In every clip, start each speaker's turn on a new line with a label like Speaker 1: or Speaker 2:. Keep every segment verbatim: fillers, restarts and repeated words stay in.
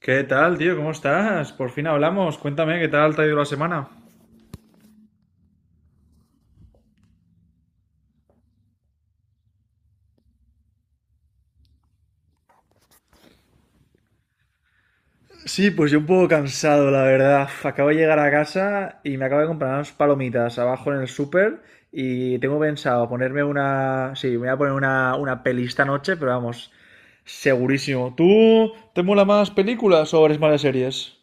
Speaker 1: ¿Qué tal, tío? ¿Cómo estás? Por fin hablamos. Cuéntame, ¿qué tal te ha ido la semana? Sí, pues yo un poco cansado, la verdad. Acabo de llegar a casa y me acabo de comprar unas palomitas abajo en el súper y tengo pensado ponerme una... Sí, me voy a poner una, una peli esta noche, pero vamos, segurísimo. ¿Tú te mola más películas o eres más de series?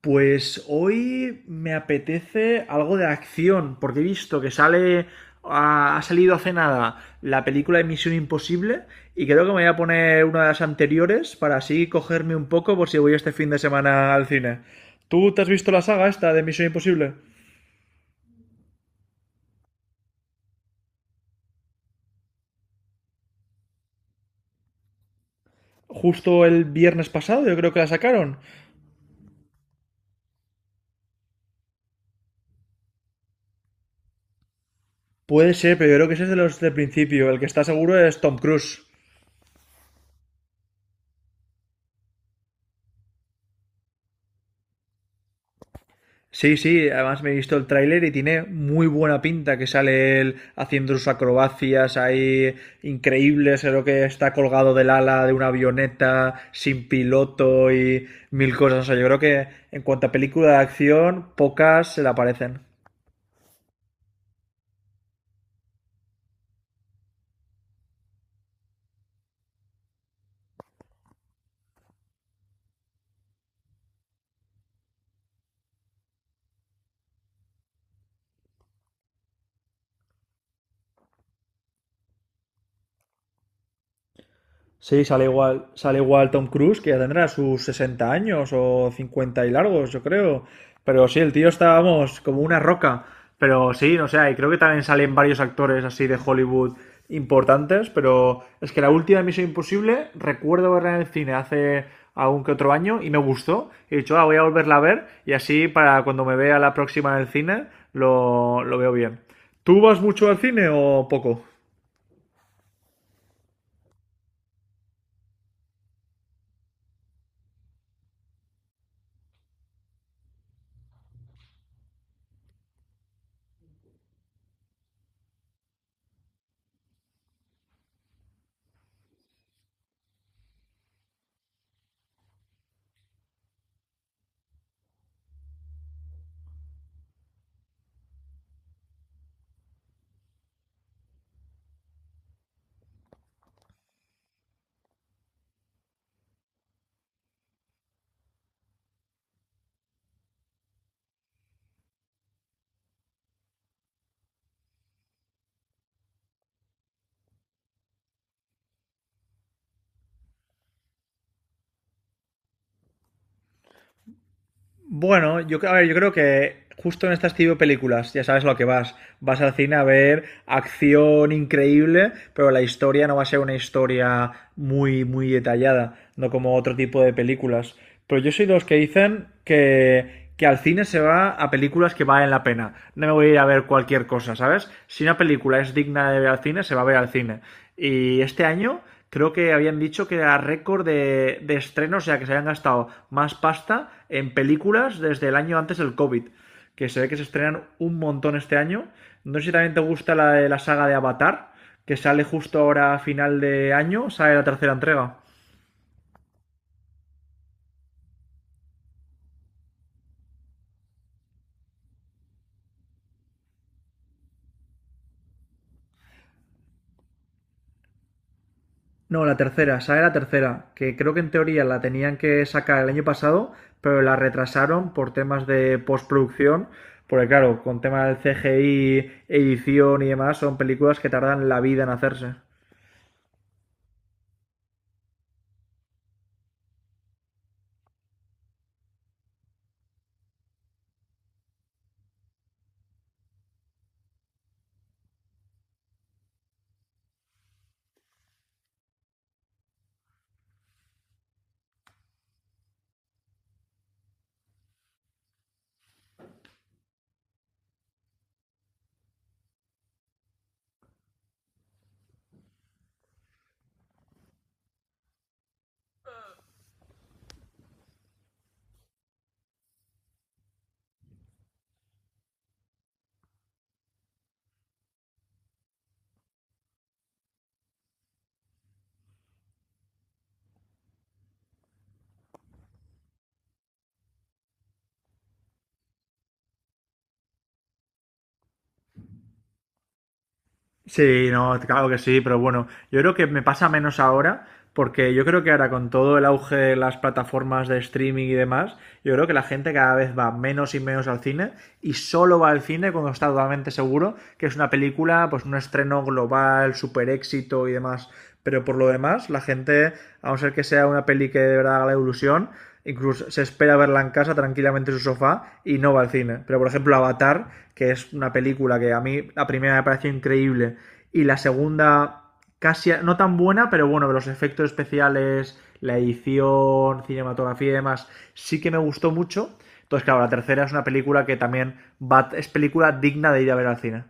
Speaker 1: Pues hoy me apetece algo de acción, porque he visto que sale, ha, ha salido hace nada la película de Misión Imposible y creo que me voy a poner una de las anteriores para así cogerme un poco por si voy este fin de semana al cine. ¿Tú te has visto la saga esta de Misión Imposible? Justo el viernes pasado, yo creo que la sacaron. Puede ser, pero yo creo que ese es de los del principio. El que está seguro es Tom Cruise. Sí, sí, además me he visto el tráiler y tiene muy buena pinta que sale él haciendo sus acrobacias ahí increíbles, creo que está colgado del ala de una avioneta sin piloto y mil cosas. O sea, yo creo que en cuanto a película de acción, pocas se le aparecen. Sí, sale igual, sale igual Tom Cruise, que ya tendrá sus sesenta años o cincuenta y largos, yo creo. Pero sí, el tío está, vamos, como una roca. Pero sí, no sé, y creo que también salen varios actores así de Hollywood importantes, pero es que la última Misión Imposible recuerdo verla en el cine hace algún que otro año y me gustó. He dicho, ah, voy a volverla a ver y así para cuando me vea la próxima en el cine lo, lo veo bien. ¿Tú vas mucho al cine o poco? Bueno, yo, a ver, yo creo que justo en estas tipo de películas, ya sabes a lo que vas. Vas al cine a ver acción increíble, pero la historia no va a ser una historia muy, muy detallada, no como otro tipo de películas. Pero yo soy de los que dicen que, que al cine se va a películas que valen la pena. No me voy a ir a ver cualquier cosa, ¿sabes? Si una película es digna de ver al cine, se va a ver al cine. Y este año creo que habían dicho que era récord de, de estrenos, o sea, que se habían gastado más pasta en películas desde el año antes del COVID. Que se ve que se estrenan un montón este año. No sé si también te gusta la de la saga de Avatar, que sale justo ahora a final de año, sale la tercera entrega. No, la tercera, esa es la tercera, que creo que en teoría la tenían que sacar el año pasado, pero la retrasaron por temas de postproducción, porque claro, con temas del C G I, edición y demás, son películas que tardan la vida en hacerse. Sí, no, claro que sí, pero bueno, yo creo que me pasa menos ahora, porque yo creo que ahora con todo el auge de las plataformas de streaming y demás, yo creo que la gente cada vez va menos y menos al cine y solo va al cine cuando está totalmente seguro que es una película, pues un estreno global, super éxito y demás. Pero por lo demás, la gente, a no ser que sea una peli que de verdad haga la ilusión, incluso se espera verla en casa tranquilamente en su sofá y no va al cine. Pero por ejemplo Avatar, que es una película que a mí la primera me pareció increíble y la segunda casi no tan buena, pero bueno, los efectos especiales, la edición, cinematografía y demás, sí que me gustó mucho. Entonces, claro, la tercera es una película que también va, es película digna de ir a ver al cine.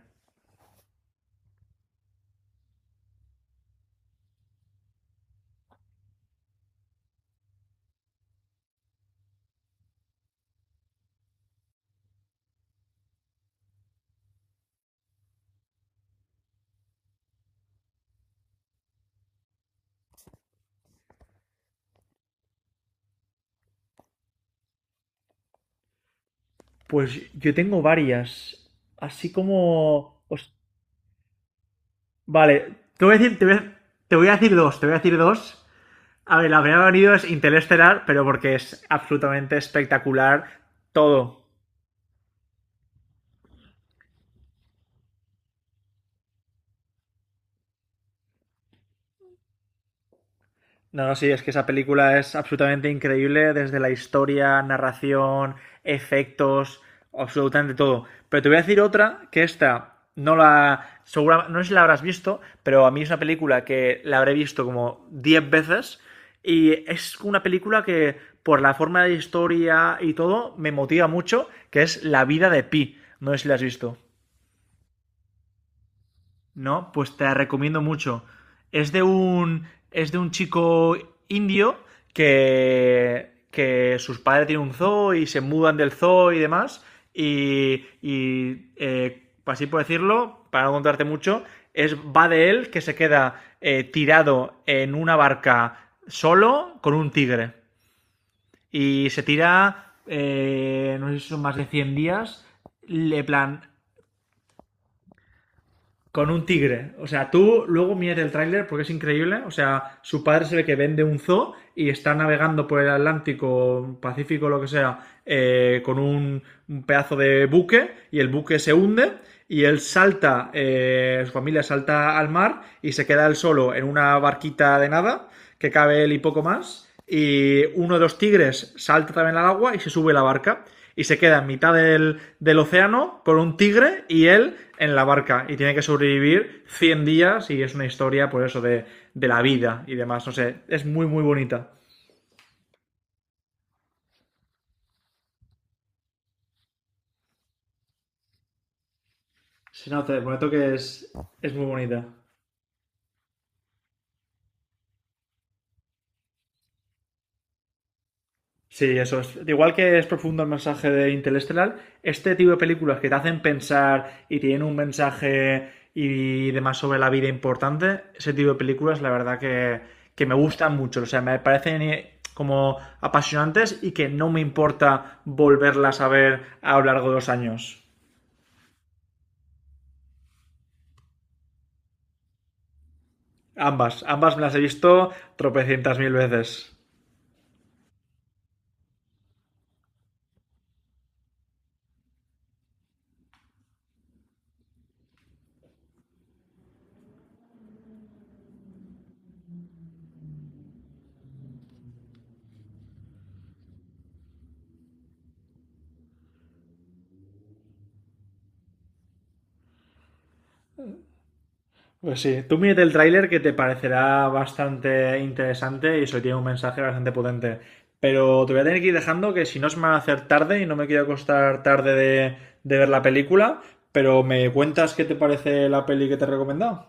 Speaker 1: Pues yo tengo varias, así como... os- Vale, te voy, a decir, te voy a- te voy a decir dos, te voy a decir dos A ver, la primera que ha venido es Interestelar, pero porque es absolutamente espectacular todo. No, no, sí, es que esa película es absolutamente increíble desde la historia, narración, efectos, absolutamente todo. Pero te voy a decir otra que esta no la. Segura, no sé si la habrás visto, pero a mí es una película que la habré visto como diez veces. Y es una película que, por la forma de historia y todo, me motiva mucho, que es La vida de Pi. No sé si la has visto. ¿No? Pues te la recomiendo mucho. Es de un, es de un chico indio que, que sus padres tienen un zoo y se mudan del zoo y demás. Y, y eh, así por decirlo, para no contarte mucho, es, va de él que se queda eh, tirado en una barca solo con un tigre. Y se tira, eh, no sé si son más de cien días, le plan con un tigre. O sea, tú luego mírate el tráiler porque es increíble. O sea, su padre se ve que vende un zoo y está navegando por el Atlántico, Pacífico, lo que sea, eh, con un, un pedazo de buque y el buque se hunde y él salta, eh, su familia salta al mar y se queda él solo en una barquita de nada que cabe él y poco más. Y uno de los tigres salta también al agua y se sube la barca. Y se queda en mitad del, del océano con un tigre y él en la barca. Y tiene que sobrevivir cien días y es una historia, por eso, de, de la vida y demás. No sé, es muy, muy bonita. Sí, no, te prometo que es, Es muy bonita. Sí, eso es. Igual que es profundo el mensaje de Interestelar, este tipo de películas que te hacen pensar y tienen un mensaje y demás sobre la vida importante, ese tipo de películas, la verdad que, que me gustan mucho. O sea, me parecen eh, como apasionantes y que no me importa volverlas a ver a lo largo de los años. Ambas, ambas me las he visto tropecientas mil veces. Pues sí, tú mírate el tráiler que te parecerá bastante interesante y eso tiene un mensaje bastante potente. Pero te voy a tener que ir dejando que si no se me va a hacer tarde y no me quiero acostar tarde de, de ver la película, pero me cuentas qué te parece la peli que te he recomendado.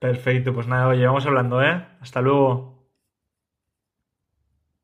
Speaker 1: Perfecto, pues nada, oye, vamos hablando, ¿eh? Hasta luego.